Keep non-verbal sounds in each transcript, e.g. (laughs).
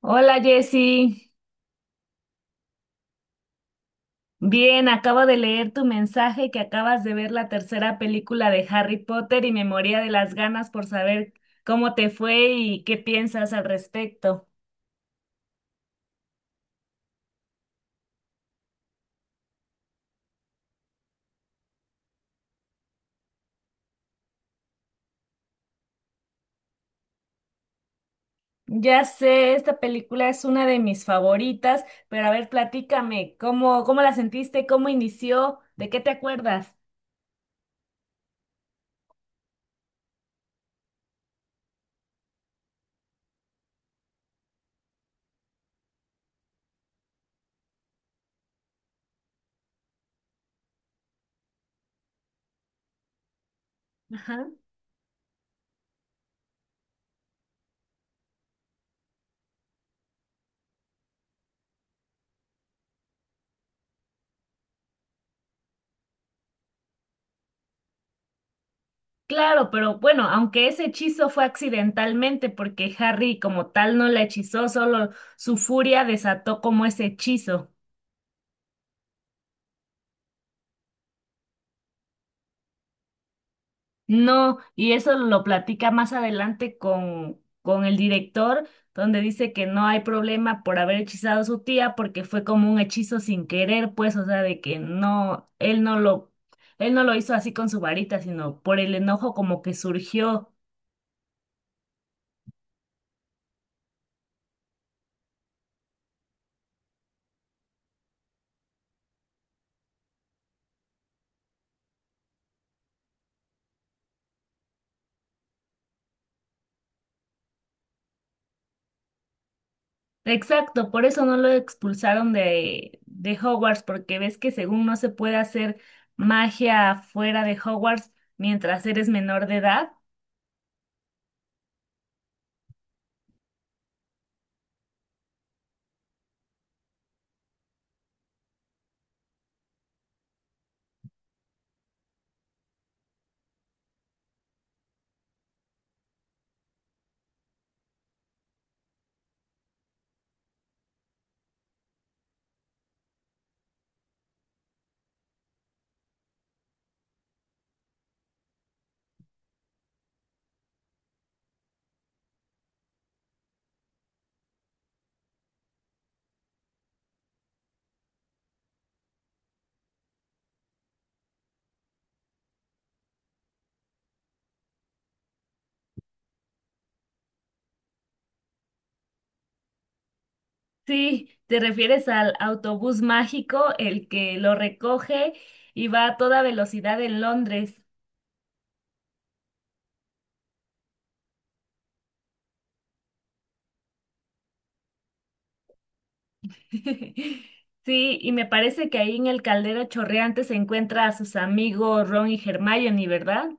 Hola Jessy, bien, acabo de leer tu mensaje que acabas de ver la tercera película de Harry Potter y me moría de las ganas por saber cómo te fue y qué piensas al respecto. Ya sé, esta película es una de mis favoritas, pero a ver, platícame, ¿cómo la sentiste? ¿Cómo inició? ¿De qué te acuerdas? Ajá. Claro, pero bueno, aunque ese hechizo fue accidentalmente, porque Harry como tal no la hechizó, solo su furia desató como ese hechizo. No, y eso lo platica más adelante con el director, donde dice que no hay problema por haber hechizado a su tía porque fue como un hechizo sin querer, pues, o sea, de que no, él no lo hizo así con su varita, sino por el enojo como que surgió. Exacto, por eso no lo expulsaron de Hogwarts, porque ves que según no se puede hacer magia fuera de Hogwarts mientras eres menor de edad. Sí, te refieres al autobús mágico, el que lo recoge y va a toda velocidad en Londres. (laughs) Sí, y me parece que ahí en el caldero chorreante se encuentra a sus amigos Ron y Hermione, ¿verdad?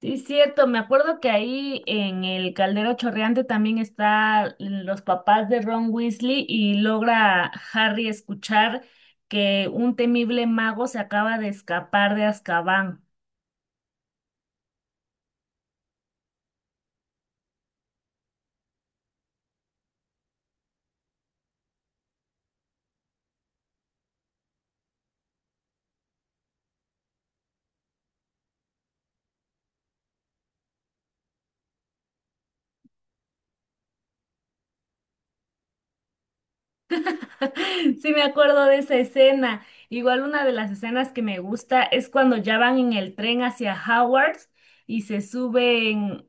Sí, es cierto, me acuerdo que ahí en el caldero chorreante también están los papás de Ron Weasley y logra Harry escuchar que un temible mago se acaba de escapar de Azkaban. (laughs) Sí, me acuerdo de esa escena. Igual una de las escenas que me gusta es cuando ya van en el tren hacia Howard's y se suben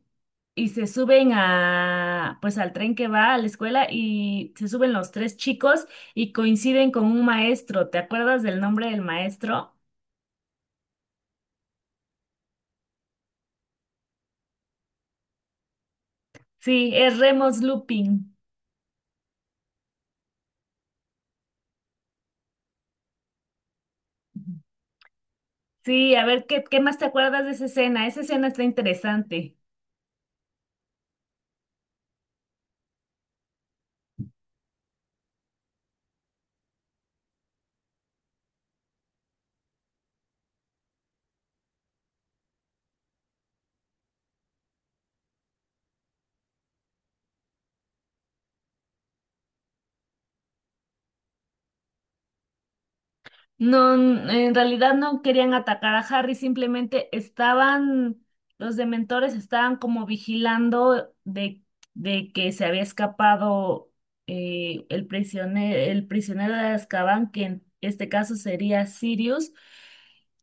y se suben a pues al tren que va a la escuela y se suben los tres chicos y coinciden con un maestro. ¿Te acuerdas del nombre del maestro? Sí, es Remus Lupin. Sí, a ver qué más te acuerdas de esa escena. Esa escena está interesante. No, en realidad no querían atacar a Harry, simplemente estaban, los dementores estaban como vigilando de que se había escapado el prisionero de Azkaban, que en este caso sería Sirius,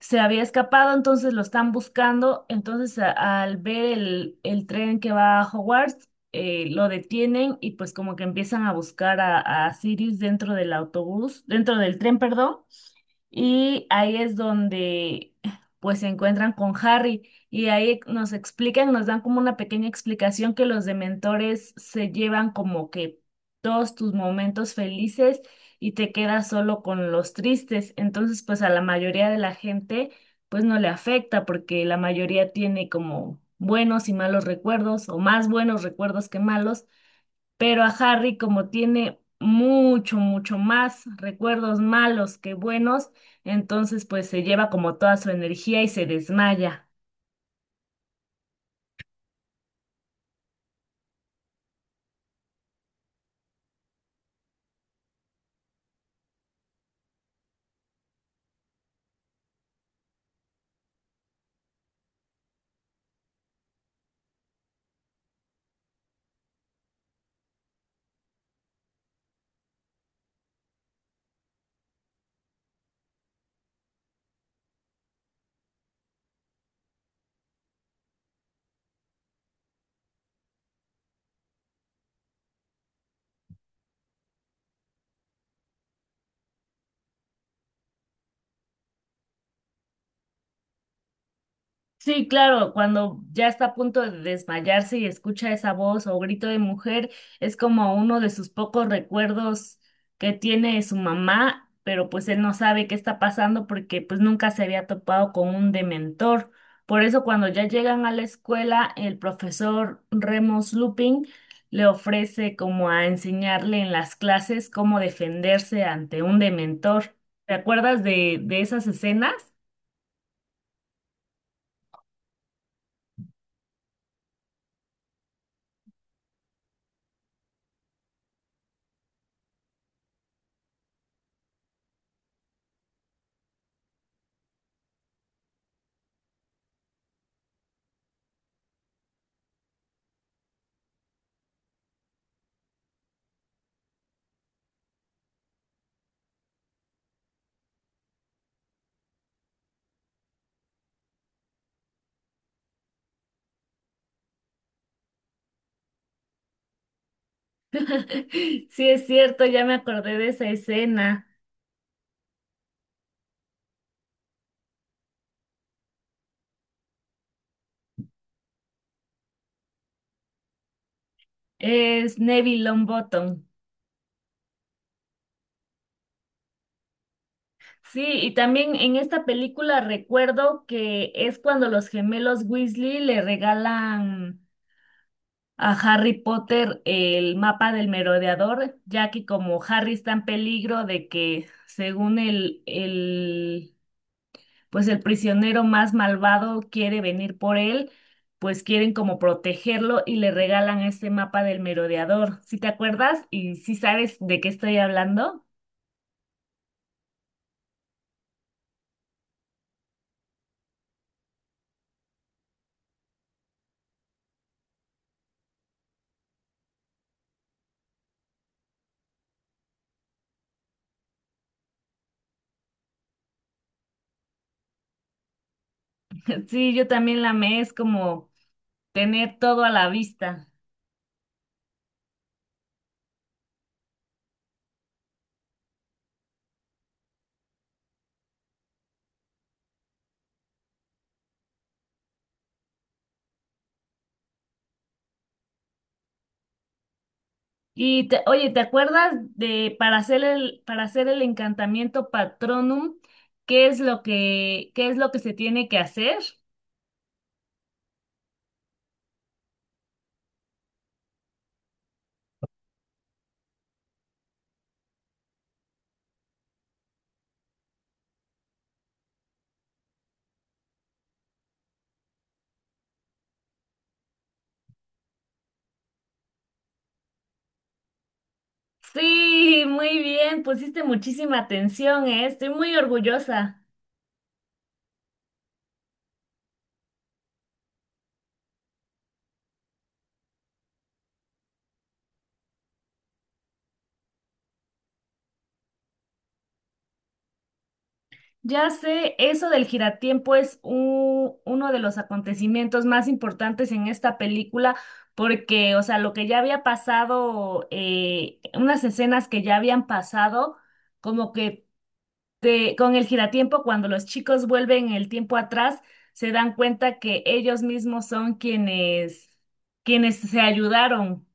se había escapado, entonces lo están buscando, entonces al ver el tren que va a Hogwarts, lo detienen y pues como que empiezan a buscar a Sirius dentro del autobús, dentro del tren, perdón. Y ahí es donde pues se encuentran con Harry y ahí nos explican, nos dan como una pequeña explicación que los dementores se llevan como que todos tus momentos felices y te quedas solo con los tristes. Entonces pues a la mayoría de la gente pues no le afecta porque la mayoría tiene como buenos y malos recuerdos o más buenos recuerdos que malos. Pero a Harry, como tiene mucho más recuerdos malos que buenos, entonces pues se lleva como toda su energía y se desmaya. Sí, claro, cuando ya está a punto de desmayarse y escucha esa voz o grito de mujer, es como uno de sus pocos recuerdos que tiene de su mamá, pero pues él no sabe qué está pasando porque pues nunca se había topado con un dementor. Por eso cuando ya llegan a la escuela, el profesor Remus Lupin le ofrece como a enseñarle en las clases cómo defenderse ante un dementor. ¿Te acuerdas de esas escenas? (laughs) Sí, es cierto, ya me acordé de esa escena. Es Neville Longbottom. Sí, y también en esta película recuerdo que es cuando los gemelos Weasley le regalan a Harry Potter el mapa del merodeador, ya que como Harry está en peligro de que, según el pues el prisionero más malvado quiere venir por él, pues quieren como protegerlo y le regalan este mapa del merodeador. ¿Sí te acuerdas? ¿Y sí sabes de qué estoy hablando? (laughs) Sí, yo también la amé, es como tener todo a la vista. Oye, ¿te acuerdas de para hacer el encantamiento Patronum, qué es lo que qué es lo que se tiene que hacer? Sí, muy bien, pusiste muchísima atención, ¿eh? Estoy muy orgullosa. Ya sé, eso del giratiempo es uno de los acontecimientos más importantes en esta película, porque, o sea, lo que ya había pasado, unas escenas que ya habían pasado, como que con el giratiempo, cuando los chicos vuelven el tiempo atrás, se dan cuenta que ellos mismos son quienes, quienes se ayudaron.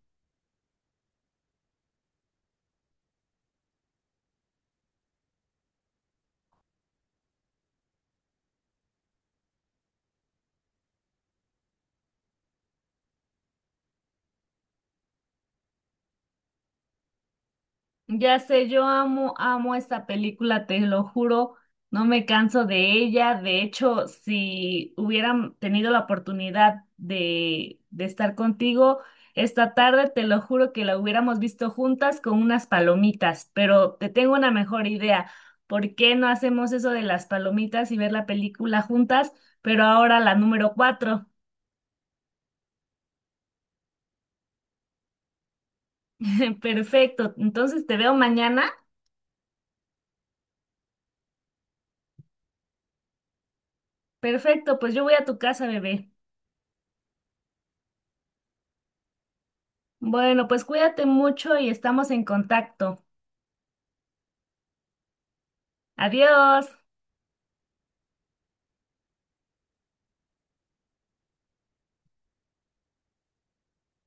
Ya sé, yo amo, amo esta película, te lo juro, no me canso de ella. De hecho, si hubieran tenido la oportunidad de estar contigo esta tarde, te lo juro que la hubiéramos visto juntas con unas palomitas, pero te tengo una mejor idea. ¿Por qué no hacemos eso de las palomitas y ver la película juntas? Pero ahora la número cuatro. (laughs) Perfecto, entonces te veo mañana. Perfecto, pues yo voy a tu casa, bebé. Bueno, pues cuídate mucho y estamos en contacto. Adiós.